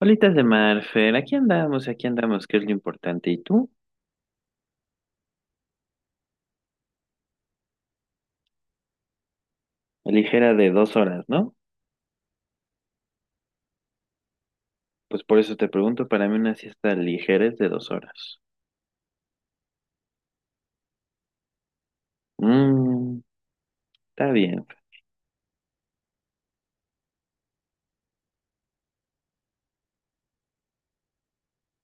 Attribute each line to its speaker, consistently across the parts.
Speaker 1: Bolitas de mar, Fer, aquí andamos, que es lo importante. ¿Y tú? Ligera de 2 horas, ¿no? Pues por eso te pregunto, para mí una siesta ligera es de 2 horas. Mmm, está bien.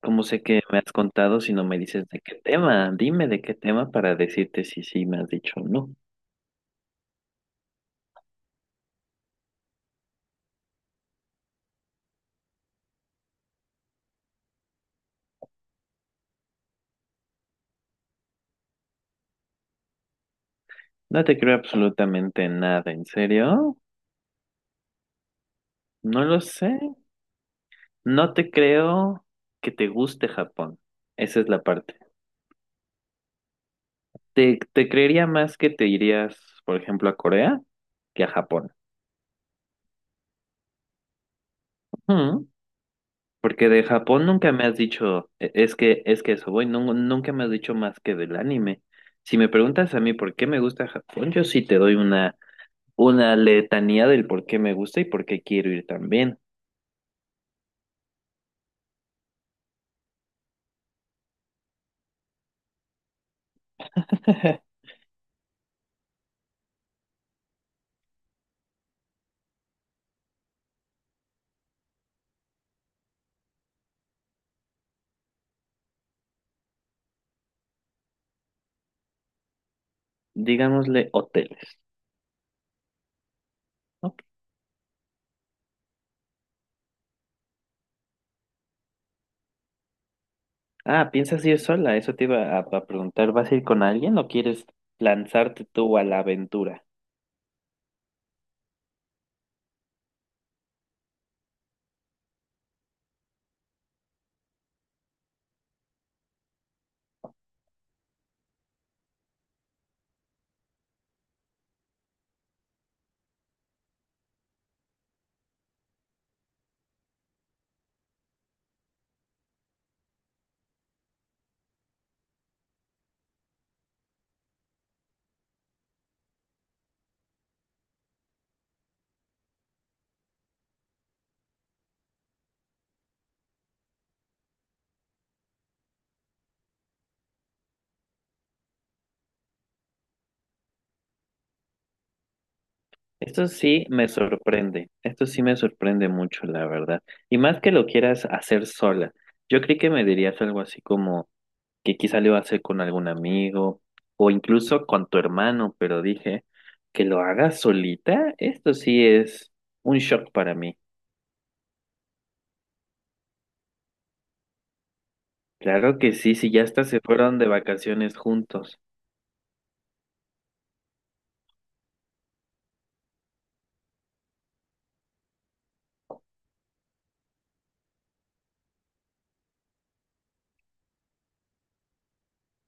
Speaker 1: ¿Cómo sé que me has contado si no me dices de qué tema? Dime de qué tema para decirte si sí me has dicho o no. No te creo absolutamente nada, ¿en serio? No lo sé. No te creo que te guste Japón. Esa es la parte. Te creería más que te irías, por ejemplo, a Corea que a Japón. Ujú. Porque de Japón nunca me has dicho, es que eso voy, nunca me has dicho más que del anime. Si me preguntas a mí por qué me gusta Japón, yo sí te doy una letanía del por qué me gusta y por qué quiero ir también. Digámosle hoteles. Ok. Ah, ¿piensas ir sola? Eso te iba a preguntar. ¿Vas a ir con alguien o quieres lanzarte tú a la aventura? Esto sí me sorprende, esto sí me sorprende mucho, la verdad. Y más que lo quieras hacer sola. Yo creí que me dirías algo así como que quizá lo iba a hacer con algún amigo o incluso con tu hermano, pero dije que lo hagas solita, esto sí es un shock para mí. Claro que sí, si ya hasta se fueron de vacaciones juntos,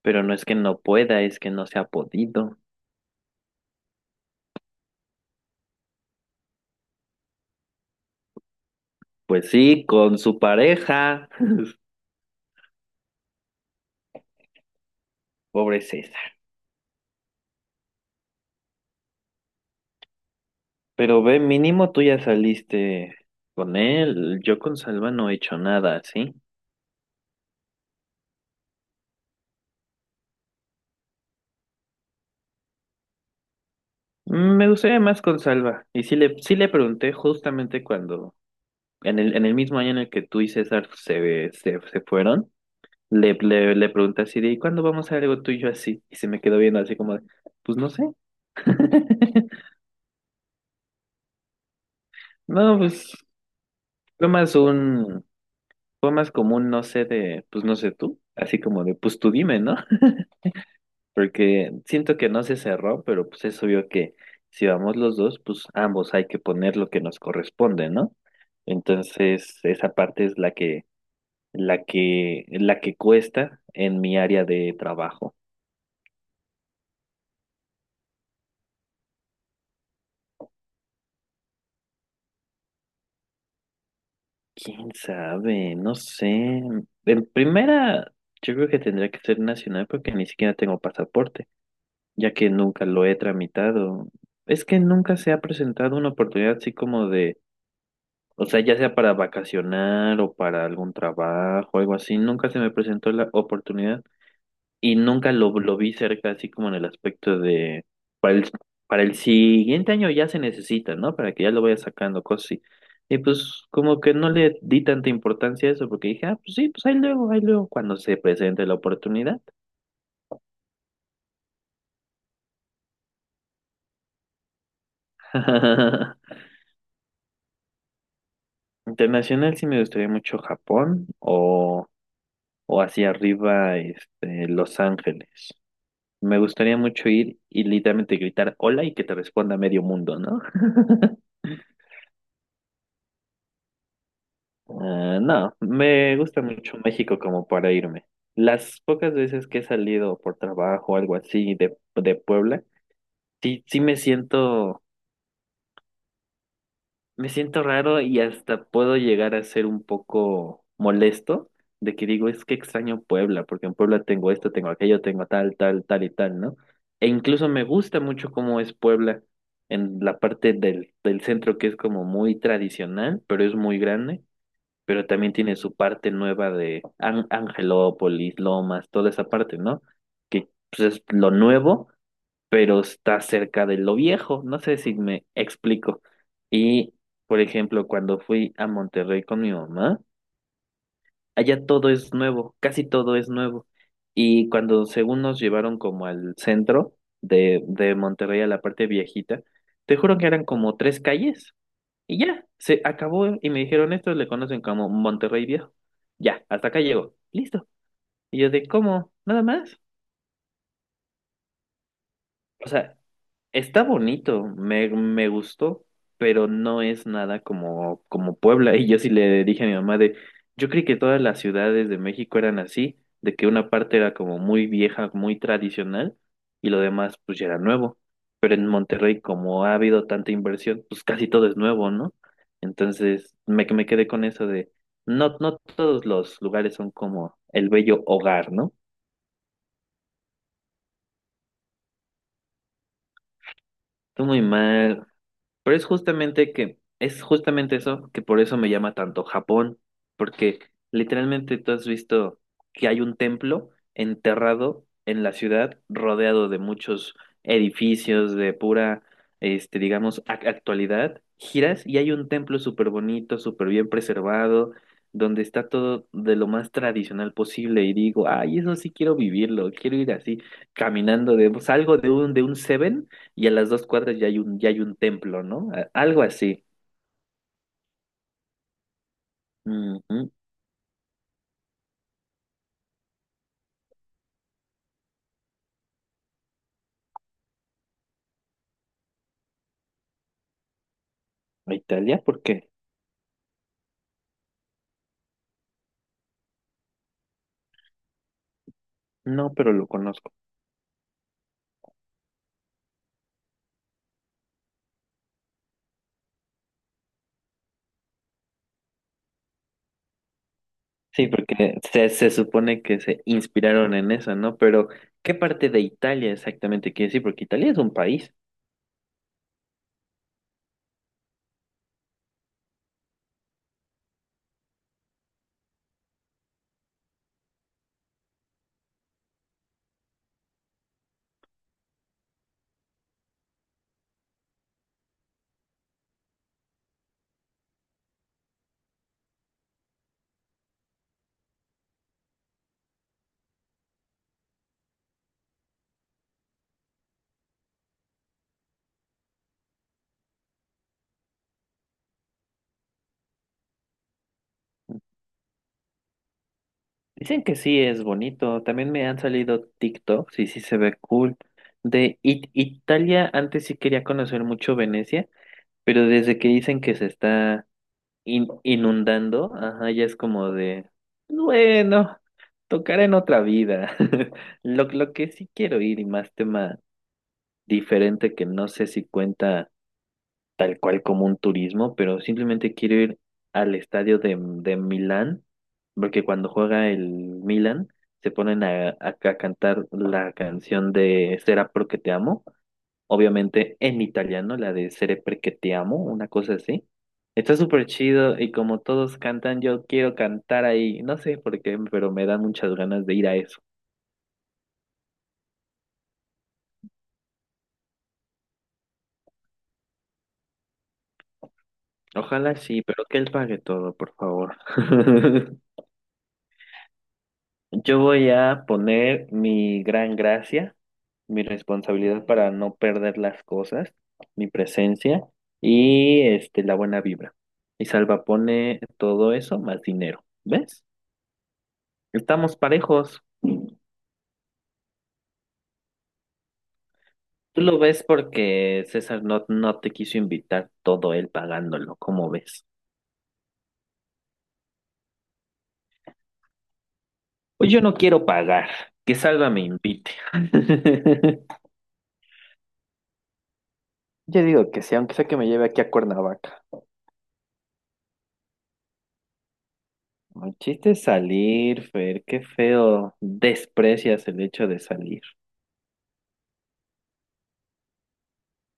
Speaker 1: pero no es que no pueda, es que no se ha podido. Pues sí, con su pareja, pobre César. Pero ve, mínimo tú ya saliste con él. Yo con Salva no he hecho nada, ¿sí? Me gustaría más con Salva. Y sí le pregunté justamente cuando, en el mismo año en el que tú y César se fueron, le pregunté así de, ¿y cuándo vamos a hacer algo tú y yo así? Y se me quedó viendo así como de, pues no sé. No, pues fue más un, fue más común, no sé, pues no sé tú. Así como de, pues tú dime, ¿no? Porque siento que no se cerró, pero pues es obvio que si vamos los dos, pues ambos hay que poner lo que nos corresponde, ¿no? Entonces, esa parte es la que cuesta en mi área de trabajo. ¿Quién sabe? No sé. En primera, yo creo que tendría que ser nacional porque ni siquiera tengo pasaporte, ya que nunca lo he tramitado. Es que nunca se ha presentado una oportunidad así como de. O sea, ya sea para vacacionar o para algún trabajo, algo así, nunca se me presentó la oportunidad y nunca lo vi cerca, así como en el aspecto de, para el, para el siguiente año ya se necesita, ¿no? Para que ya lo vaya sacando, cosas así. Y pues como que no le di tanta importancia a eso porque dije, ah, pues sí, pues ahí luego, cuando se presente la oportunidad. Internacional sí me gustaría mucho Japón o hacia arriba, Los Ángeles. Me gustaría mucho ir y literalmente gritar hola y que te responda medio mundo, ¿no? Ah, no, me gusta mucho México como para irme. Las pocas veces que he salido por trabajo o algo así de, Puebla, sí, sí me siento. Me siento raro y hasta puedo llegar a ser un poco molesto de que digo, es que extraño Puebla, porque en Puebla tengo esto, tengo aquello, tengo tal, tal, tal y tal, ¿no? E incluso me gusta mucho cómo es Puebla en la parte del centro que es como muy tradicional, pero es muy grande, pero también tiene su parte nueva de Angelópolis, Lomas, toda esa parte, ¿no? Que pues, es lo nuevo pero está cerca de lo viejo. No sé si me explico. Y, por ejemplo, cuando fui a Monterrey con mi mamá, allá todo es nuevo, casi todo es nuevo. Y cuando según nos llevaron como al centro de Monterrey, a la parte viejita, te juro que eran como tres calles y ya, se acabó y me dijeron, estos le conocen como Monterrey Viejo. Ya, hasta acá llegó, listo. Y yo de, ¿cómo? ¿Nada más? O sea, está bonito, me gustó, pero no es nada como Puebla. Y yo sí le dije a mi mamá de, yo creí que todas las ciudades de México eran así, de que una parte era como muy vieja, muy tradicional, y lo demás pues ya era nuevo. Pero en Monterrey, como ha habido tanta inversión, pues casi todo es nuevo, ¿no? Entonces me quedé con eso de, no todos los lugares son como el bello hogar, ¿no? Tú muy mal. Pero es es justamente eso que por eso me llama tanto Japón, porque literalmente tú has visto que hay un templo enterrado en la ciudad, rodeado de muchos edificios de pura, digamos, actualidad. Giras y hay un templo súper bonito, súper bien preservado, donde está todo de lo más tradicional posible. Y digo, ay, eso sí quiero vivirlo, quiero ir así, caminando de, salgo de un Seven y a las dos cuadras ya hay un templo, ¿no? Algo así. Ujú. ¿A Italia? ¿Por qué? No, pero lo conozco. Sí, porque se supone que se inspiraron en eso, ¿no? Pero, ¿qué parte de Italia exactamente quiere decir? Porque Italia es un país. Dicen que sí es bonito. También me han salido TikToks y sí se ve cool. De Italia, antes sí quería conocer mucho Venecia, pero desde que dicen que se está inundando, ajá, ya es como de, bueno, tocará en otra vida. Lo que sí quiero ir y más tema diferente que no sé si cuenta tal cual como un turismo, pero simplemente quiero ir al estadio de Milán, porque cuando juega el Milán se ponen a cantar la canción de Será porque te amo obviamente en italiano, la de Sere perché ti amo, una cosa así. Está súper chido y como todos cantan, yo quiero cantar ahí. No sé por qué, pero me dan muchas ganas de ir a eso. Ojalá sí, pero que él pague todo, por favor. Yo voy a poner mi gran gracia, mi responsabilidad para no perder las cosas, mi presencia y la buena vibra. Y Salva pone todo eso más dinero. ¿Ves? Estamos parejos. Tú lo ves porque César no te quiso invitar todo él pagándolo, ¿cómo ves? Pues yo no quiero pagar, que Salva me invite. Yo digo que sí, aunque sea que me lleve aquí a Cuernavaca. El chiste es salir, Fer, qué feo. Desprecias el hecho de salir,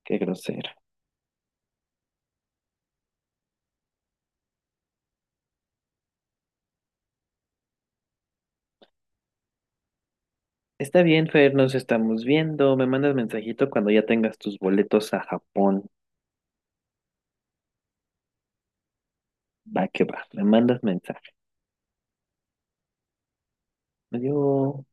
Speaker 1: qué grosero. Está bien, Fer, nos estamos viendo. Me mandas mensajito cuando ya tengas tus boletos a Japón. Va que va, me mandas mensaje. Adiós.